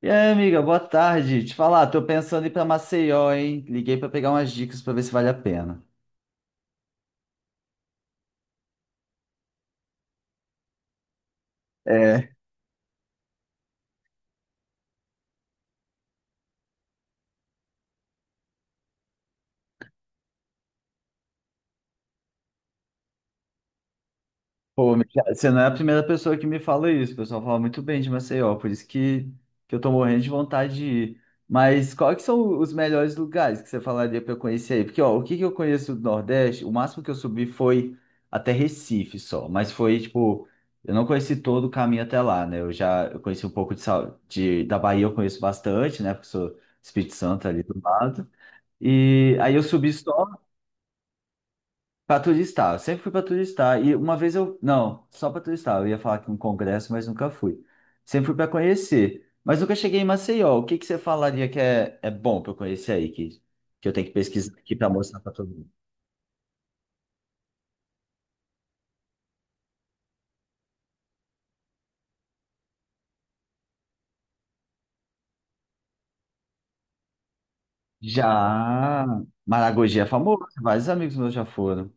E aí, amiga, boa tarde. Te falar, tô pensando em ir pra Maceió, hein? Liguei pra pegar umas dicas pra ver se vale a pena. Pô, Michel, você não é a primeira pessoa que me fala isso. O pessoal fala muito bem de Maceió, por isso que eu tô morrendo de vontade de ir. Mas quais que são os melhores lugares que você falaria para eu conhecer aí? Porque, ó, o que que eu conheço do Nordeste, o máximo que eu subi foi até Recife só, mas foi, tipo, eu não conheci todo o caminho até lá, né? Eu conheci um pouco de, da Bahia, eu conheço bastante, né? Porque sou Espírito Santo ali do lado. E aí eu subi só. Pra turistar, eu sempre fui pra turistar. E uma vez eu. Não, só pra turistar. Eu ia falar que um congresso, mas nunca fui. Sempre fui pra conhecer. Mas nunca cheguei em Maceió. O que que você falaria que é bom pra eu conhecer aí? Que eu tenho que pesquisar aqui pra mostrar pra todo mundo. Já. Maragogi é famoso, vários amigos meus já foram.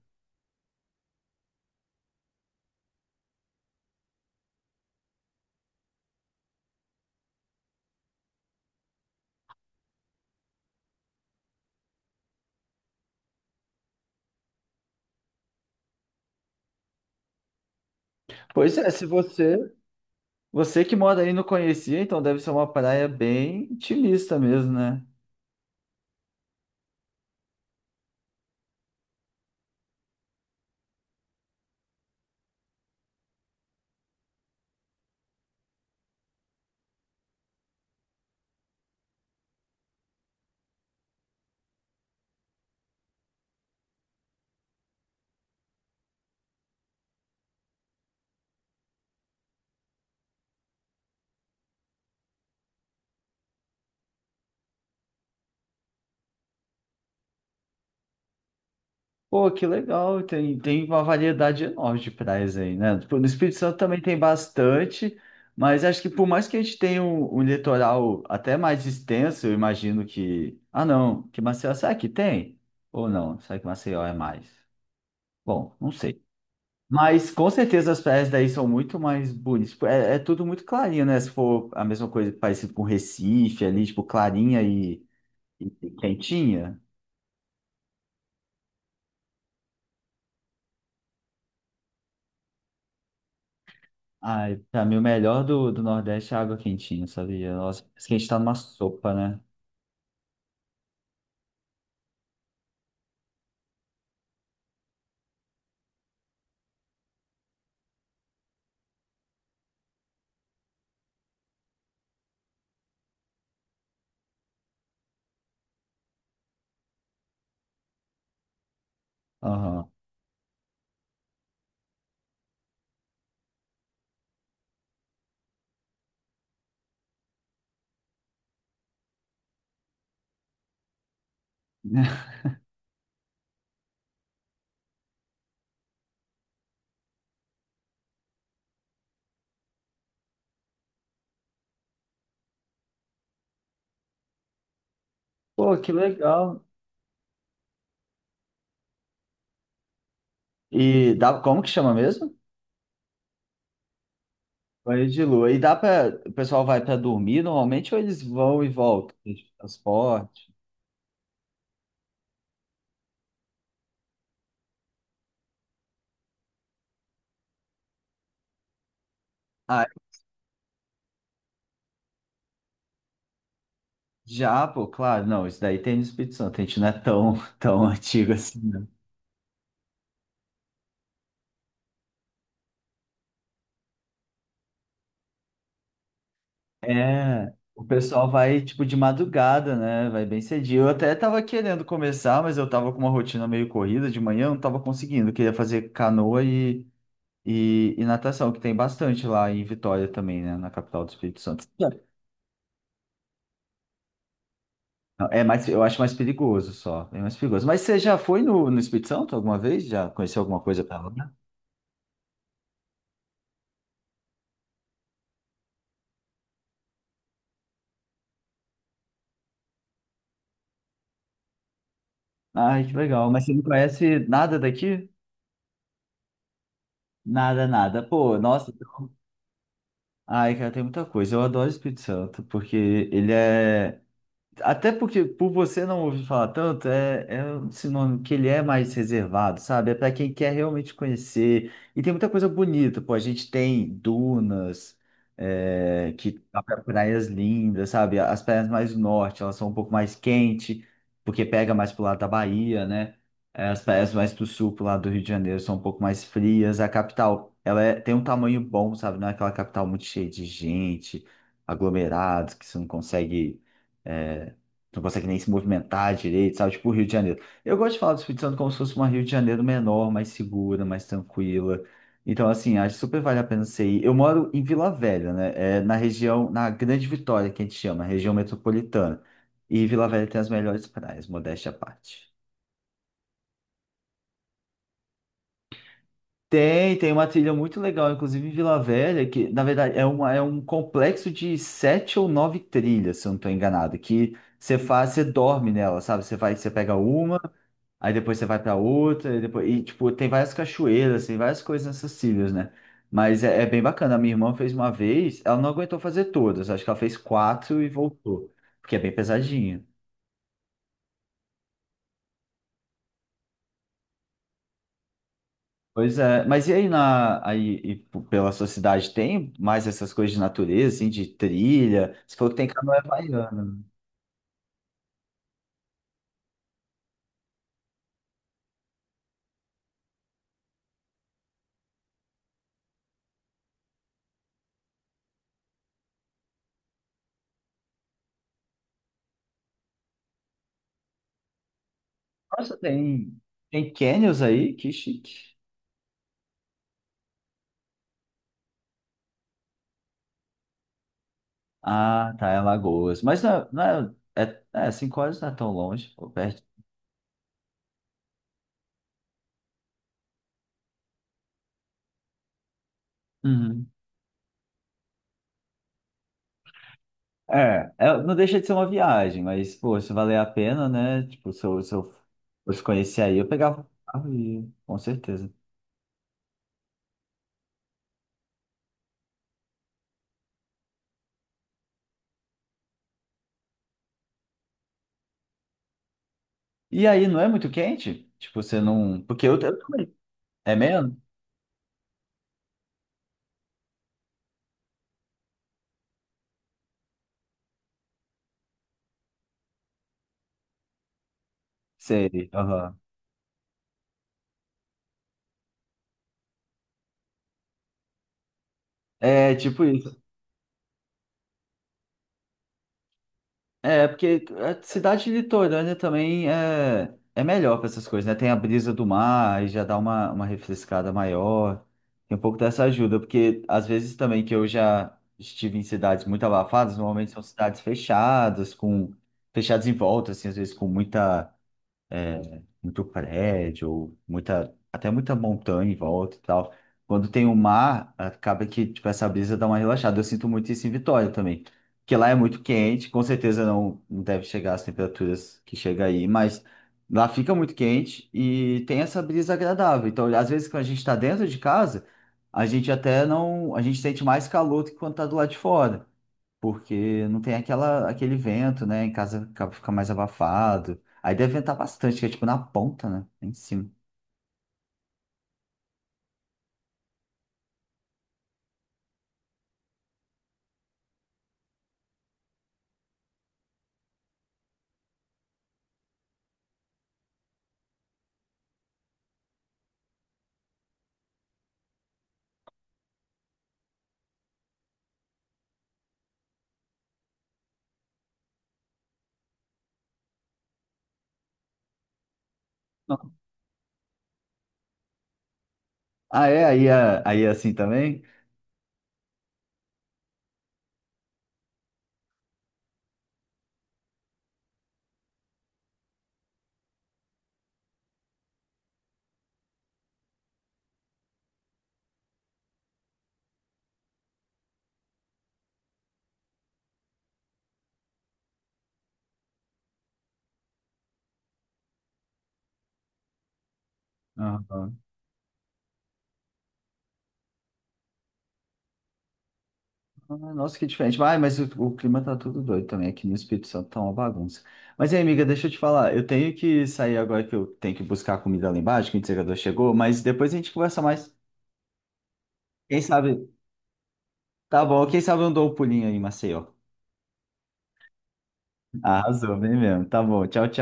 Pois é, se você. Você que mora aí não conhecia, então deve ser uma praia bem intimista mesmo, né? Pô, que legal, tem uma variedade enorme de praias aí, né? Tipo, no Espírito Santo também tem bastante, mas acho que por mais que a gente tenha um litoral até mais extenso, eu imagino que. Ah, não, que Maceió, será que tem? Ou não? Será que Maceió é mais? Bom, não sei. Mas com certeza as praias daí são muito mais bonitas. Tipo, é, é tudo muito clarinho, né? Se for a mesma coisa parecido com Recife ali, tipo, clarinha e quentinha. Ai, pra mim o melhor do Nordeste é água quentinha, sabia? Nossa, parece que a gente tá numa sopa, né? Aham. Pô, que legal. E dá, como que chama mesmo? Banho de lua. E dá pra. O pessoal vai pra dormir normalmente ou eles vão e voltam? Tem tipo transporte? Ah, já, pô, claro. Não, isso daí tem no Espírito Santo. A gente não é tão, tão antigo assim. É, o pessoal vai tipo de madrugada, né? Vai bem cedinho. Eu até tava querendo começar, mas eu tava com uma rotina meio corrida de manhã, eu não tava conseguindo. Eu queria fazer canoa e natação, que tem bastante lá em Vitória também, né? Na capital do Espírito Santo. Não, é mais, eu acho mais perigoso só, é mais perigoso. Mas você já foi no Espírito Santo alguma vez? Já conheceu alguma coisa pra lá? Ai, que legal. Mas você não conhece nada daqui? Nada, nada. Pô, nossa. Então, ai, cara, tem muita coisa. Eu adoro o Espírito Santo, porque ele é. Até porque, por você não ouvir falar tanto, é um sinônimo que ele é mais reservado, sabe? É para quem quer realmente conhecer. E tem muita coisa bonita, pô. A gente tem dunas, é, que dá pra praias lindas, sabe? As praias mais do norte, elas são um pouco mais quentes, porque pega mais pro lado da Bahia, né? É, as praias mais pro sul, pro lado do Rio de Janeiro, são um pouco mais frias. A capital, ela é- tem um tamanho bom, sabe? Não é aquela capital muito cheia de gente, aglomerados, que você não consegue. É, não consegue nem se movimentar direito, sabe? Tipo o Rio de Janeiro. Eu gosto de falar do Espírito Santo como se fosse uma Rio de Janeiro menor, mais segura, mais tranquila. Então, assim, acho que super vale a pena você ir. Eu moro em Vila Velha, né? É na região, na Grande Vitória, que a gente chama, região metropolitana. E Vila Velha tem as melhores praias, modéstia à parte. Tem, tem uma trilha muito legal, inclusive em Vila Velha, que na verdade é, uma, é um complexo de sete ou nove trilhas, se eu não estou enganado, que você faz, você dorme nela, sabe? Você vai, você pega uma. Aí depois você vai pra outra, e, depois e tipo, tem várias cachoeiras, tem várias coisas acessíveis, né? Mas é bem bacana. A minha irmã fez uma vez, ela não aguentou fazer todas, acho que ela fez quatro e voltou, porque é bem pesadinha. Pois é, mas e aí, na, aí e pela sua cidade tem mais essas coisas de natureza, assim, de trilha? Você falou que tem canoa havaiana, né? Nossa, tem, tem canyons aí? Que chique. Ah, tá, é Lagoas. Mas não, é, não é, é, é, 5 horas não é tão longe, ou perto. Uhum. É, é, não deixa de ser uma viagem, mas, pô, se valer a pena, né? Tipo, se eu fosse conhecer aí, eu pegava o carro e ia, com certeza. E aí, não é muito quente? Tipo, você não. Porque eu também. É mesmo? Sei. Aham. É, tipo. É, porque a cidade litorânea também é melhor para essas coisas, né? Tem a brisa do mar e já dá uma refrescada maior. Tem um pouco dessa ajuda, porque às vezes também que eu já estive em cidades muito abafadas, normalmente são cidades fechadas, com fechadas em volta, assim, às vezes com muita muito prédio, muita, até muita montanha em volta e tal. Quando tem o mar, acaba que tipo, essa brisa dá uma relaxada. Eu sinto muito isso em Vitória também, porque lá é muito quente, com certeza não deve chegar às temperaturas que chega aí, mas lá fica muito quente e tem essa brisa agradável. Então, às vezes, quando a gente está dentro de casa, a gente até não, a gente sente mais calor do que quando está do lado de fora, porque não tem aquela, aquele vento, né? Em casa acaba- fica mais abafado. Aí deve ventar bastante, que é tipo na ponta, né? Em cima. Ah, é? Aí é, aí é assim também? Aham. Ah, nossa, que diferente. Ah, mas o clima tá tudo doido também. Aqui no Espírito Santo tá uma bagunça. Mas aí, amiga, deixa eu te falar. Eu tenho que sair agora que eu tenho que buscar a comida lá embaixo, que o entregador chegou, mas depois a gente conversa mais. Quem sabe? Tá bom, quem sabe eu dou um pulinho aí em Maceió. Arrasou, bem mesmo. Tá bom, tchau, tchau.